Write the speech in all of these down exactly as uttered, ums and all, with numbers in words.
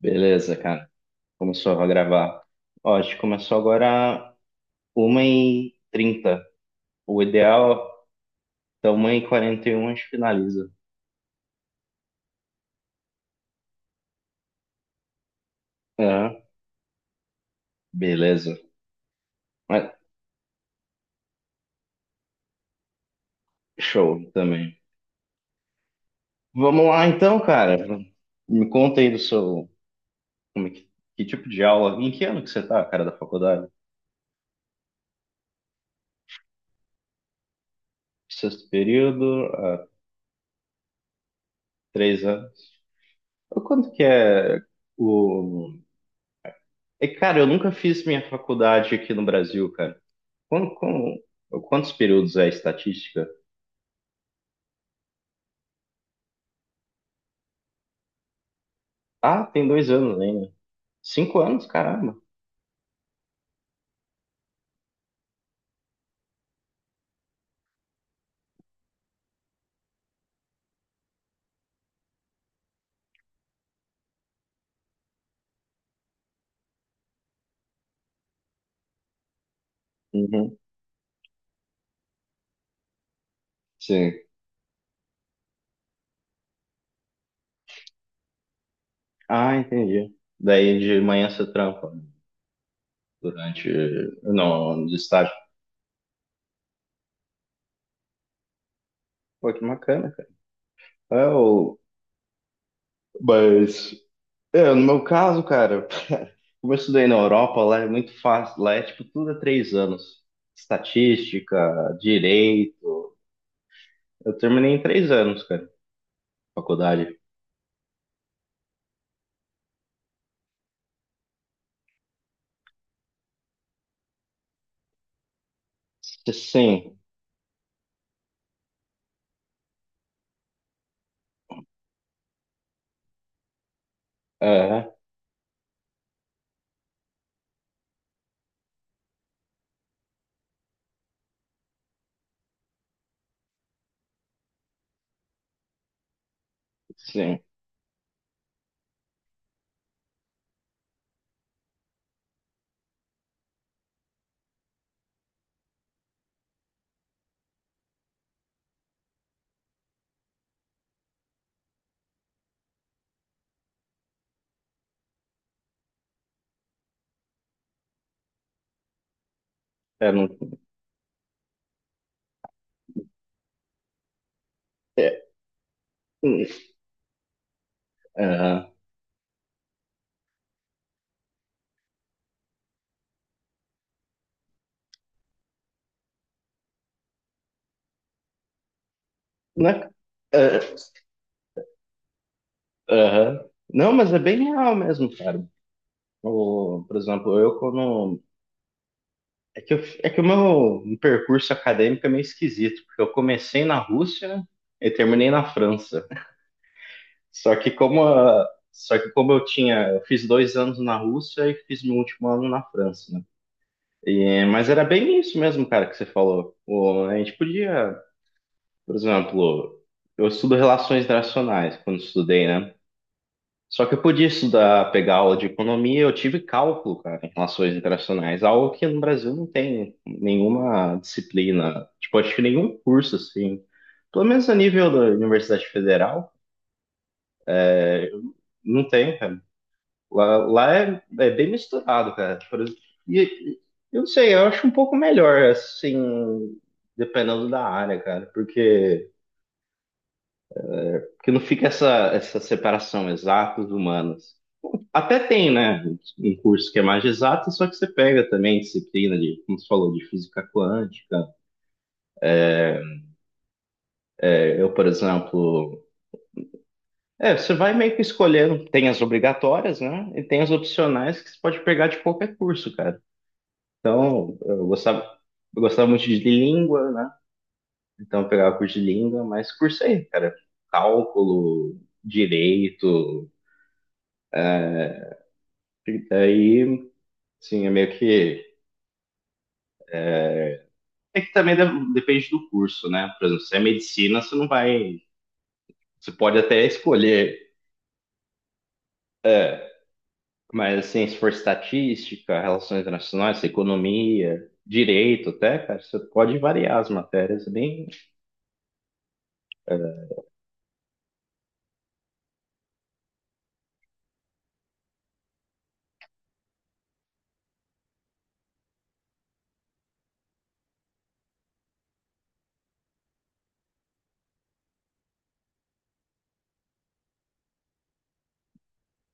Beleza, cara. Começou a gravar. Ó, a gente começou agora uma e trinta. O ideal, então uma e quarenta e um a gente finaliza. É, beleza. Mas, Show também. Vamos lá então, cara. Me conta aí do seu. Como é que, que tipo de aula? Em que ano que você tá, cara, da faculdade? Sexto período, há três anos. Quanto que é o. É, cara, eu nunca fiz minha faculdade aqui no Brasil, cara. Quando, como- quantos períodos é a estatística? Ah, tem dois anos ainda. Cinco anos, caramba. Uhum, sim. Ah, entendi. Daí de manhã você trampa durante. Não, no estágio. Pô, que bacana, cara. É, o... Mas. É, no meu caso, cara, como eu estudei na Europa, lá é muito fácil. Lá é tipo tudo a três anos. Estatística, direito. Eu terminei em três anos, cara, faculdade. Sim, é, sim. É, não, é, aham. Né? Ah, aham. Não, mas é bem real mesmo, cara. O, por exemplo, eu quando. É que, eu- é que o meu percurso acadêmico é meio esquisito, porque eu comecei na Rússia e terminei na França. Só que como, a- só que como eu tinha, eu fiz dois anos na Rússia e fiz meu último ano na França, né? E, mas era bem isso mesmo, cara, que você falou. O, a gente podia, por exemplo, eu estudo relações internacionais quando estudei, né? Só que eu podia estudar, pegar aula de economia, eu tive cálculo, cara, em relações internacionais, algo que no Brasil não tem nenhuma disciplina, tipo, acho que nenhum curso, assim, pelo menos a nível da Universidade Federal, não tem, cara. Lá, lá é, é bem misturado, cara. Por exemplo, e e- eu não sei, eu acho um pouco melhor, assim, dependendo da área, cara, porque, porque não fica essa, essa separação exatos humanos. Até tem, né, um curso que é mais de exato, só que você pega também disciplina de, como você falou, de física quântica. É, eu, por exemplo, é, você vai meio que escolhendo, tem as obrigatórias, né, e tem as opcionais que você pode pegar de qualquer curso, cara. Então, eu gostava, eu gostava muito de língua, né, então eu pegava curso de língua, mas cursei, cara, cálculo, direito, e daí, sim, é meio que... É que também de- depende do curso, né? Por exemplo, se é medicina, você não vai. Você pode até escolher, mas assim, se for estatística, relações internacionais, economia, direito até, cara, você pode variar as matérias é bem. É,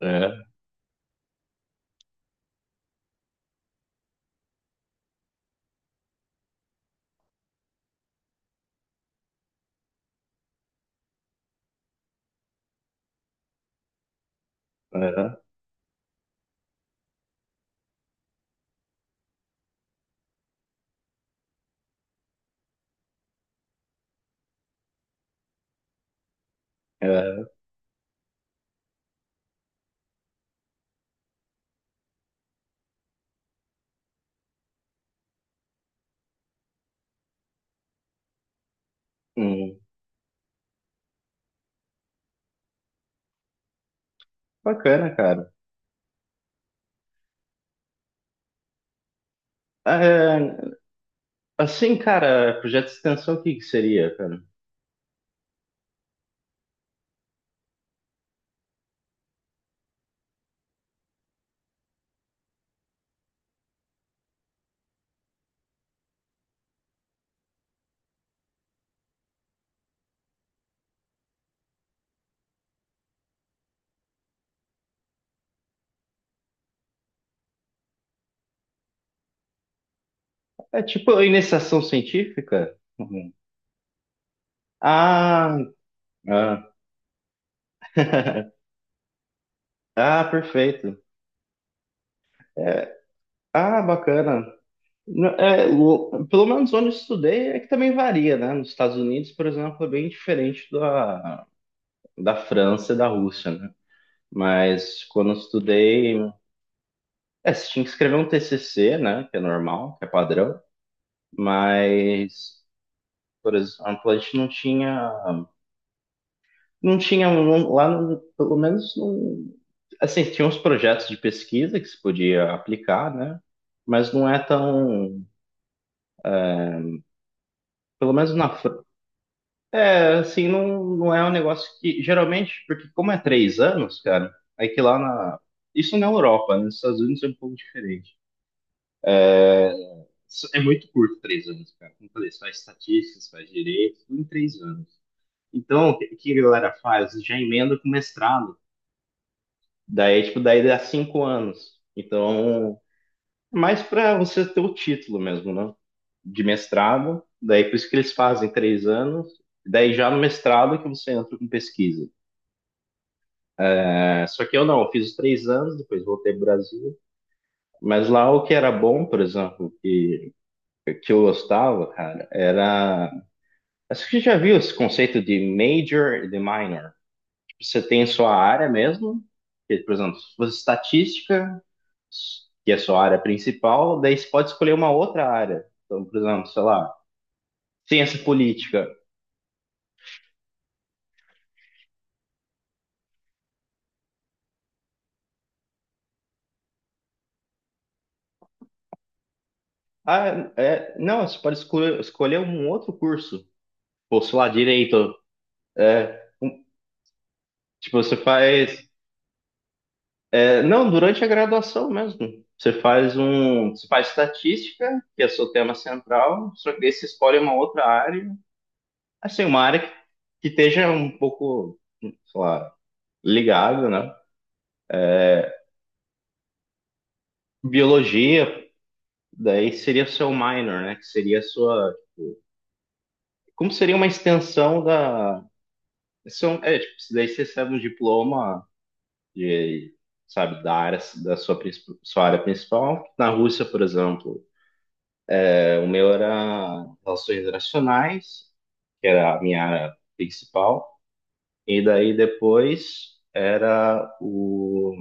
é, é, é, hum, bacana, cara. É, assim, cara, projeto de extensão, o que que seria, cara? É tipo iniciação científica? Uhum. Ah, ah, ah, perfeito. É, ah, bacana. Não, é, o- pelo menos onde eu estudei é que também varia, né? Nos Estados Unidos, por exemplo, é bem diferente da, da França e da Rússia, né? Mas quando eu estudei, é, você tinha que escrever um T C C, né? Que é normal, que é padrão, mas, por exemplo, a gente não tinha, não tinha um- um, lá, no- pelo menos, não, assim, tinha uns projetos de pesquisa que se podia aplicar, né? Mas não é tão, pelo menos na França. Assim, não, não é um negócio que. Geralmente, porque como é três anos, cara, é que lá na. Isso na Europa, né? Nos Estados Unidos é um pouco diferente. Isso é muito curto três anos, cara. Como eu falei, você faz estatísticas, faz direito, tudo em três anos. Então, o que o que a galera faz? Já emenda com mestrado. Daí, tipo, daí dá cinco anos. Então, é mais pra você ter o título mesmo, né? De mestrado. Daí, por isso que eles fazem três anos. Daí, já no mestrado que você entra com pesquisa. É, só que eu não, eu fiz os três anos, depois voltei pro Brasil. Mas lá o que era bom, por exemplo, que, que eu gostava, cara, era. Acho que você já viu esse conceito de major e de minor. Tipo, você tem sua área mesmo, que, por exemplo, se fosse estatística, que é sua área principal, daí você pode escolher uma outra área. Então, por exemplo, sei lá, ciência política. Ah, é, não, você pode escolher, escolher um outro curso. Ou, sei lá, direito. É, tipo, você faz é, não, durante a graduação mesmo. Você faz um, você faz estatística, que é o seu tema central, só que daí você escolhe uma outra área, assim, uma área que, que esteja um pouco, sei lá, ligada, né? Biologia, daí seria o seu minor, né? Que seria a sua, como seria uma extensão da, são, é, tipo, daí você recebe um diploma de, sabe, da área, da sua, princip- sua área principal. Na Rússia, por exemplo, é, o meu era relações internacionais, que era a minha área principal. E daí depois era o.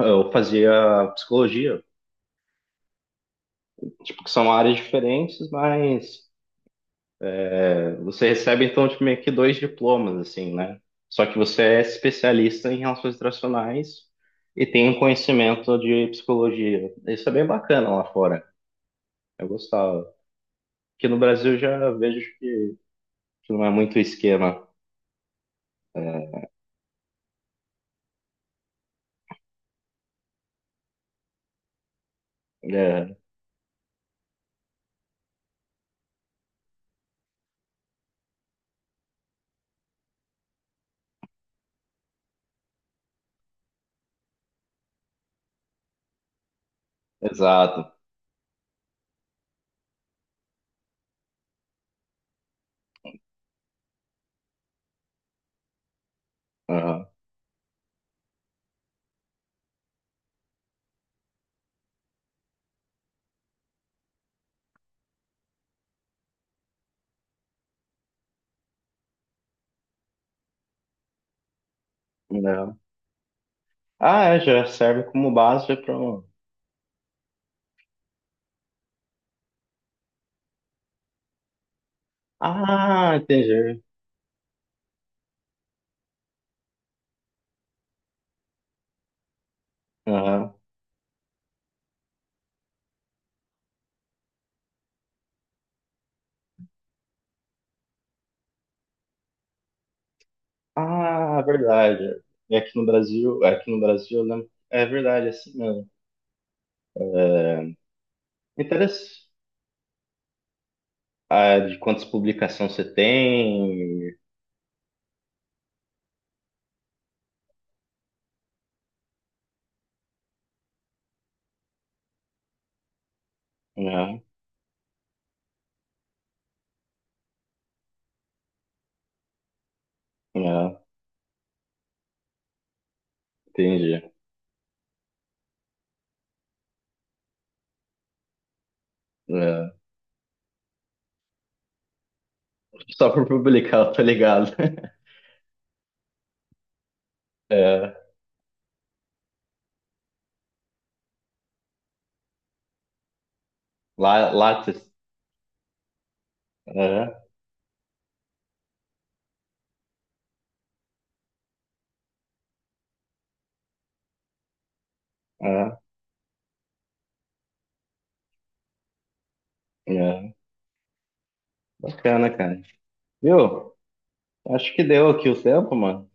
Eu fazia psicologia. Tipo, que são áreas diferentes, mas é, você recebe então tipo, meio que dois diplomas, assim, né? Só que você é especialista em relações internacionais e tem um conhecimento de psicologia. Isso é bem bacana lá fora. Eu gostava. Aqui no Brasil eu já vejo que, que não é muito esquema. É, exato. Aham. É, ah, é, já serve como base para um. Ah, entendi. Aham. Ah, verdade. E aqui no Brasil, aqui no Brasil, eu lembro- é verdade, é assim mesmo. Interessante. Ah, é, de quantas publicações você tem? Não, não, entendi. É. Só por publicar, eu tô ligado. É. Lá, Lattes. É, é, é. Bacana, cara. Viu? Acho que deu aqui o tempo, mano.